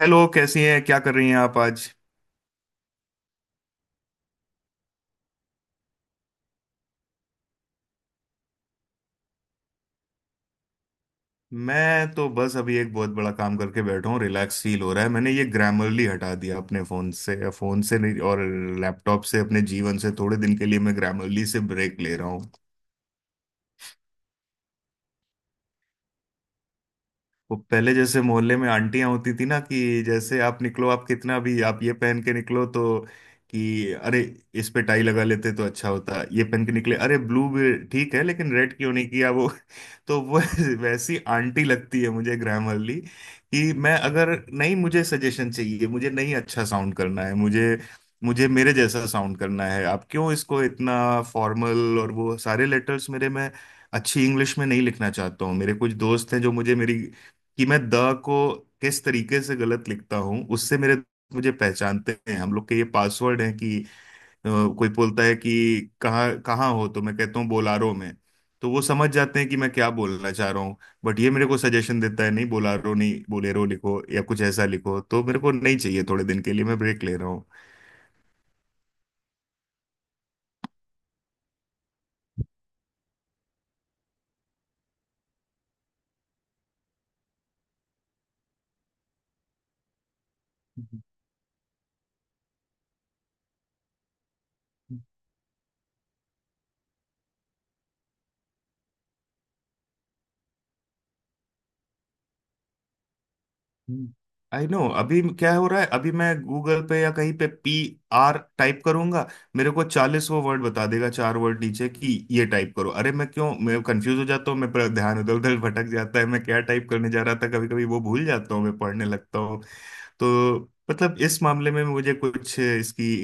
Hello, कैसी हैं? क्या कर रही हैं आप आज? मैं तो बस अभी एक बहुत बड़ा काम करके बैठा हूँ, रिलैक्स फील हो रहा है। मैंने ये ग्रामरली हटा दिया अपने फ़ोन से, फ़ोन से नहीं, और लैपटॉप से, अपने जीवन से। थोड़े दिन के लिए मैं ग्रामरली से ब्रेक ले रहा हूँ। वो पहले जैसे मोहल्ले में आंटियां होती थी ना, कि जैसे आप निकलो, आप कितना भी आप ये पहन के निकलो तो कि अरे, इस पे टाई लगा लेते तो अच्छा होता, ये पहन के निकले, अरे ब्लू भी ठीक है लेकिन रेड क्यों नहीं किया, वो तो वो वैसी आंटी लगती है मुझे ग्रैमरली। कि मैं अगर नहीं, मुझे सजेशन चाहिए, मुझे नहीं अच्छा साउंड करना है, मुझे मुझे मेरे जैसा साउंड करना है। आप क्यों इसको इतना फॉर्मल और वो सारे लेटर्स मेरे में अच्छी इंग्लिश में नहीं लिखना चाहता हूँ। मेरे कुछ दोस्त हैं जो मुझे मेरी, कि मैं द को किस तरीके से गलत लिखता हूँ उससे मेरे दोस्त मुझे पहचानते हैं। हम लोग के ये पासवर्ड है कि अ, कोई बोलता है कि कहाँ कहाँ हो, तो मैं कहता हूँ बोलारो में, तो वो समझ जाते हैं कि मैं क्या बोलना चाह रहा हूँ। बट ये मेरे को सजेशन देता है, नहीं बोलारो नहीं बोलेरो लिखो या कुछ ऐसा लिखो, तो मेरे को नहीं चाहिए। थोड़े दिन के लिए मैं ब्रेक ले रहा हूँ। आई नो अभी क्या हो रहा है। अभी मैं गूगल पे या कहीं पे पी आर टाइप करूंगा, मेरे को 40 वो वर्ड बता देगा, चार वर्ड नीचे कि ये टाइप करो। अरे मैं क्यों, मैं कंफ्यूज हो जाता हूँ, मैं ध्यान इधर उधर भटक जाता है, मैं क्या टाइप करने जा रहा था कभी कभी वो भूल जाता हूँ, मैं पढ़ने लगता हूँ। तो मतलब इस मामले में मुझे कुछ इसकी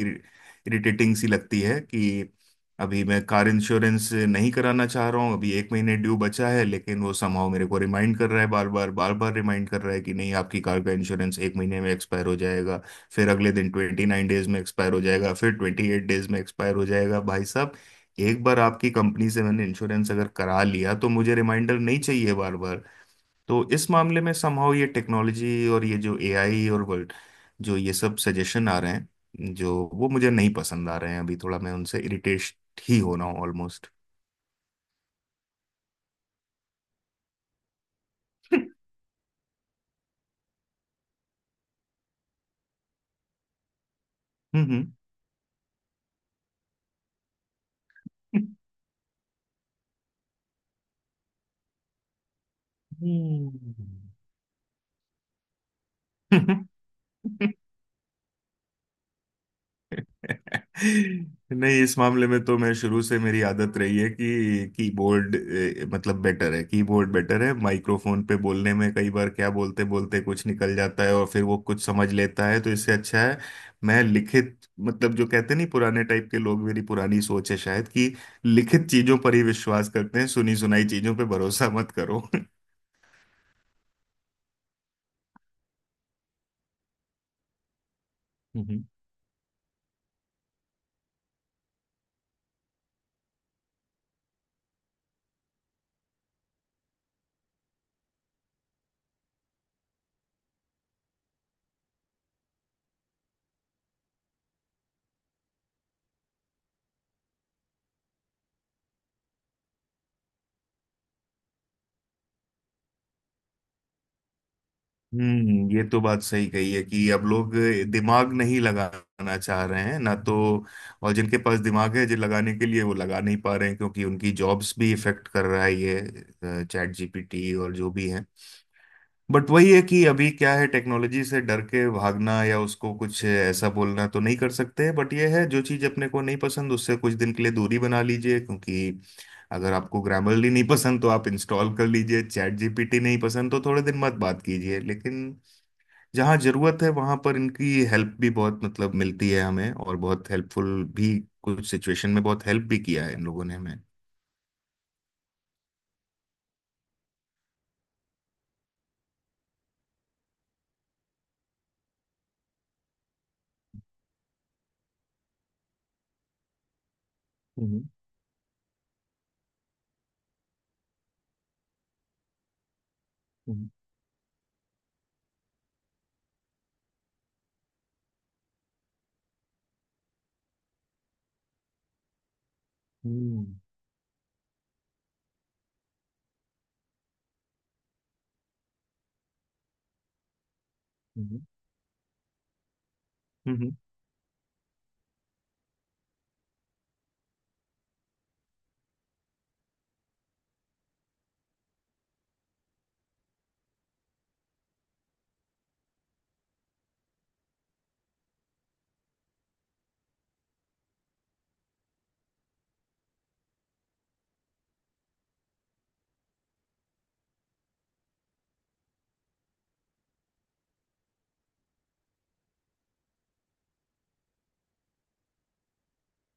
इरिटेटिंग सी लगती है कि अभी मैं कार इंश्योरेंस नहीं कराना चाह रहा हूँ, अभी एक महीने ड्यू बचा है, लेकिन वो समहाउ मेरे को रिमाइंड कर रहा है बार बार बार बार। रिमाइंड कर रहा है कि नहीं आपकी कार का इंश्योरेंस एक महीने में एक्सपायर हो जाएगा, फिर अगले दिन 29 days में एक्सपायर हो जाएगा, फिर 28 days में एक्सपायर हो जाएगा। भाई साहब, एक बार आपकी कंपनी से मैंने इंश्योरेंस अगर करा लिया तो मुझे रिमाइंडर नहीं चाहिए बार बार। तो इस मामले में समहाउ ये टेक्नोलॉजी और ये जो एआई और वर्ल्ड, जो ये सब सजेशन आ रहे हैं, जो वो मुझे नहीं पसंद आ रहे हैं, अभी थोड़ा मैं उनसे इरिटेट ही हो रहा हूँ ऑलमोस्ट। हम्म। हम्म। हम्म। हम्म। नहीं इस मामले में तो मैं शुरू से, मेरी आदत रही है कि कीबोर्ड मतलब बेटर है, कीबोर्ड बेटर है। माइक्रोफोन पे बोलने में कई बार क्या बोलते बोलते कुछ निकल जाता है और फिर वो कुछ समझ लेता है, तो इससे अच्छा है मैं लिखित, मतलब जो कहते नहीं पुराने टाइप के लोग, मेरी पुरानी सोच है शायद, कि लिखित चीजों पर ही विश्वास करते हैं, सुनी सुनाई चीजों पे भरोसा मत करो। हम्म, ये तो बात सही कही है कि अब लोग दिमाग नहीं लगाना चाह रहे हैं ना, तो और जिनके पास दिमाग है जो लगाने के लिए, वो लगा नहीं पा रहे हैं, क्योंकि उनकी जॉब्स भी इफेक्ट कर रहा है, ये चैट जीपीटी और जो भी है। बट वही है कि अभी क्या है, टेक्नोलॉजी से डर के भागना या उसको कुछ ऐसा बोलना तो नहीं कर सकते। बट ये है जो चीज़ अपने को नहीं पसंद उससे कुछ दिन के लिए दूरी बना लीजिए। क्योंकि अगर आपको ग्रामरली नहीं पसंद तो आप इंस्टॉल कर लीजिए, चैट जीपीटी नहीं पसंद तो थोड़े दिन मत बात कीजिए, लेकिन जहाँ जरूरत है वहां पर इनकी हेल्प भी बहुत मतलब मिलती है हमें, और बहुत हेल्पफुल भी। कुछ सिचुएशन में बहुत हेल्प भी किया है इन लोगों ने हमें। हम्म। हम्म। हम्म। हम्म।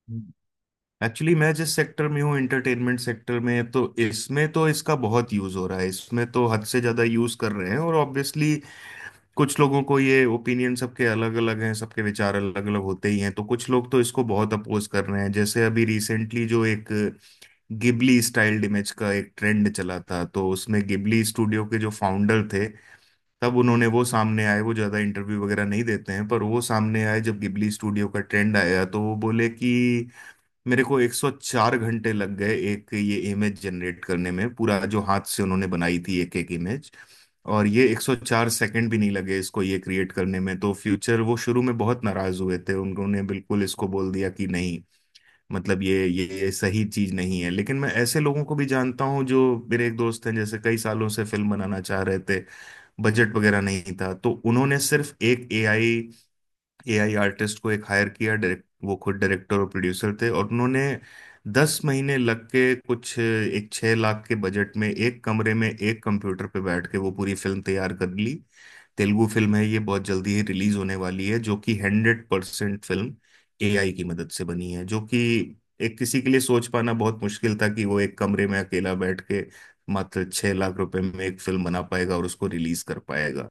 हम्म। एक्चुअली मैं जिस सेक्टर में हूँ, एंटरटेनमेंट सेक्टर में, तो इसमें तो इसका बहुत यूज हो रहा है, इसमें तो हद से ज्यादा यूज कर रहे हैं और ऑब्वियसली कुछ लोगों को, ये ओपिनियन सबके अलग अलग हैं, सबके विचार अलग अलग होते ही हैं, तो कुछ लोग तो इसको बहुत अपोज कर रहे हैं। जैसे अभी रिसेंटली जो एक गिबली स्टाइल्ड इमेज का एक ट्रेंड चला था, तो उसमें गिबली स्टूडियो के जो फाउंडर थे, तब उन्होंने वो सामने आए, वो ज्यादा इंटरव्यू वगैरह नहीं देते हैं, पर वो सामने आए जब गिबली स्टूडियो का ट्रेंड आया, तो वो बोले कि मेरे को 104 घंटे लग गए एक ये इमेज जनरेट करने में, पूरा जो हाथ से उन्होंने बनाई थी एक एक इमेज, और ये 104 सेकंड भी नहीं लगे इसको ये क्रिएट करने में। तो फ्यूचर वो शुरू में बहुत नाराज हुए थे, उन्होंने बिल्कुल इसको बोल दिया कि नहीं, मतलब ये सही चीज नहीं है। लेकिन मैं ऐसे लोगों को भी जानता हूँ जो, मेरे एक दोस्त हैं जैसे, कई सालों से फिल्म बनाना चाह रहे थे, बजट वगैरह नहीं था, तो उन्होंने सिर्फ एक एआई एआई आर्टिस्ट को एक हायर किया, डायरेक्ट वो खुद डायरेक्टर और प्रोड्यूसर थे, और उन्होंने 10 महीने लग के कुछ एक 6 लाख के बजट में एक कमरे में एक कंप्यूटर पे बैठ के वो पूरी फिल्म तैयार कर ली। तेलुगु फिल्म है ये, बहुत जल्दी ही रिलीज होने वाली है, जो कि 100% फिल्म एआई की मदद से बनी है। जो कि एक किसी के लिए सोच पाना बहुत मुश्किल था कि वो एक कमरे में अकेला बैठ के मात्र 6 लाख रुपए में एक फिल्म बना पाएगा और उसको रिलीज कर पाएगा।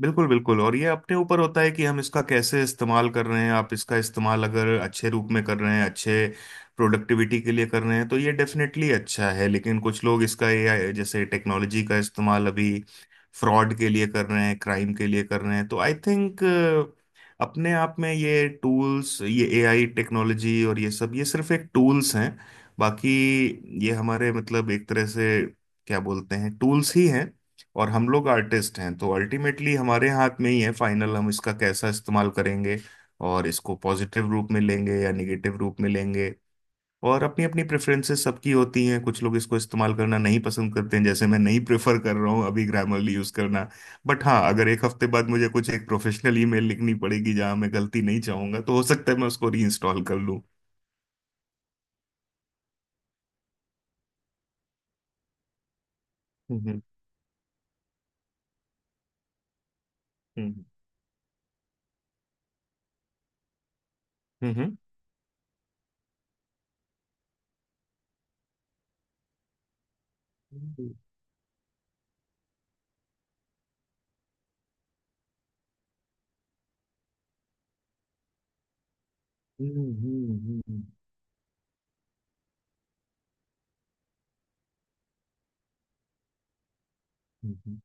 बिल्कुल बिल्कुल, और ये अपने ऊपर होता है कि हम इसका कैसे इस्तेमाल कर रहे हैं। आप इसका इस्तेमाल अगर अच्छे रूप में कर रहे हैं, अच्छे प्रोडक्टिविटी के लिए कर रहे हैं, तो ये डेफिनेटली अच्छा है। लेकिन कुछ लोग इसका, एआई जैसे टेक्नोलॉजी का इस्तेमाल अभी फ्रॉड के लिए कर रहे हैं, क्राइम के लिए कर रहे हैं, तो आई थिंक अपने आप में ये टूल्स, ये एआई टेक्नोलॉजी और ये सब, ये सिर्फ एक टूल्स हैं। बाकी ये हमारे, मतलब एक तरह से क्या बोलते हैं, टूल्स ही हैं, और हम लोग आर्टिस्ट हैं, तो अल्टीमेटली हमारे हाथ में ही है, फाइनल हम इसका कैसा इस्तेमाल करेंगे, और इसको पॉजिटिव रूप में लेंगे या निगेटिव रूप में लेंगे। और अपनी अपनी प्रेफरेंसेस सबकी होती हैं, कुछ लोग इसको इस्तेमाल करना नहीं पसंद करते हैं, जैसे मैं नहीं प्रेफर कर रहा हूँ अभी ग्रामरली यूज़ करना। बट हाँ, अगर एक हफ्ते बाद मुझे कुछ एक प्रोफेशनल ईमेल लिखनी पड़ेगी जहाँ मैं गलती नहीं चाहूंगा, तो हो सकता है मैं उसको रीइंस्टॉल कर लूँ। हम्म। हम्म। हम्म। हम्म। हम्म, हम्म, हम्म, हम्म, हम्म, हम्म।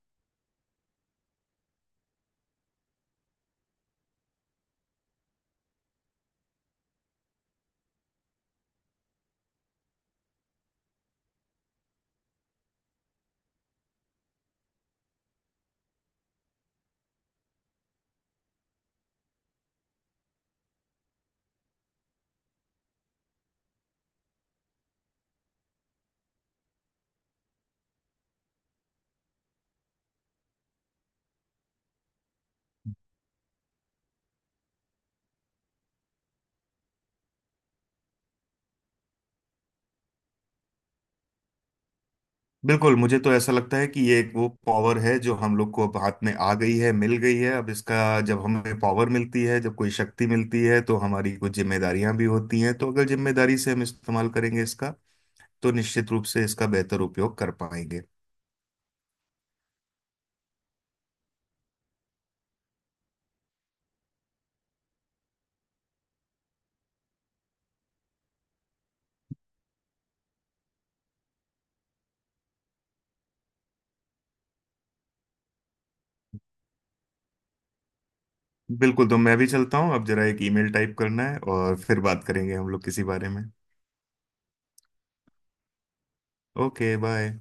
बिल्कुल, मुझे तो ऐसा लगता है कि ये एक वो पावर है जो हम लोग को अब हाथ में आ गई है, मिल गई है। अब इसका, जब हमें पावर मिलती है, जब कोई शक्ति मिलती है, तो हमारी कुछ जिम्मेदारियां भी होती हैं। तो अगर जिम्मेदारी से हम इस्तेमाल करेंगे इसका, तो निश्चित रूप से इसका बेहतर उपयोग कर पाएंगे। बिल्कुल, तो मैं भी चलता हूँ अब, जरा एक ईमेल टाइप करना है और फिर बात करेंगे हम लोग किसी बारे में। Okay bye.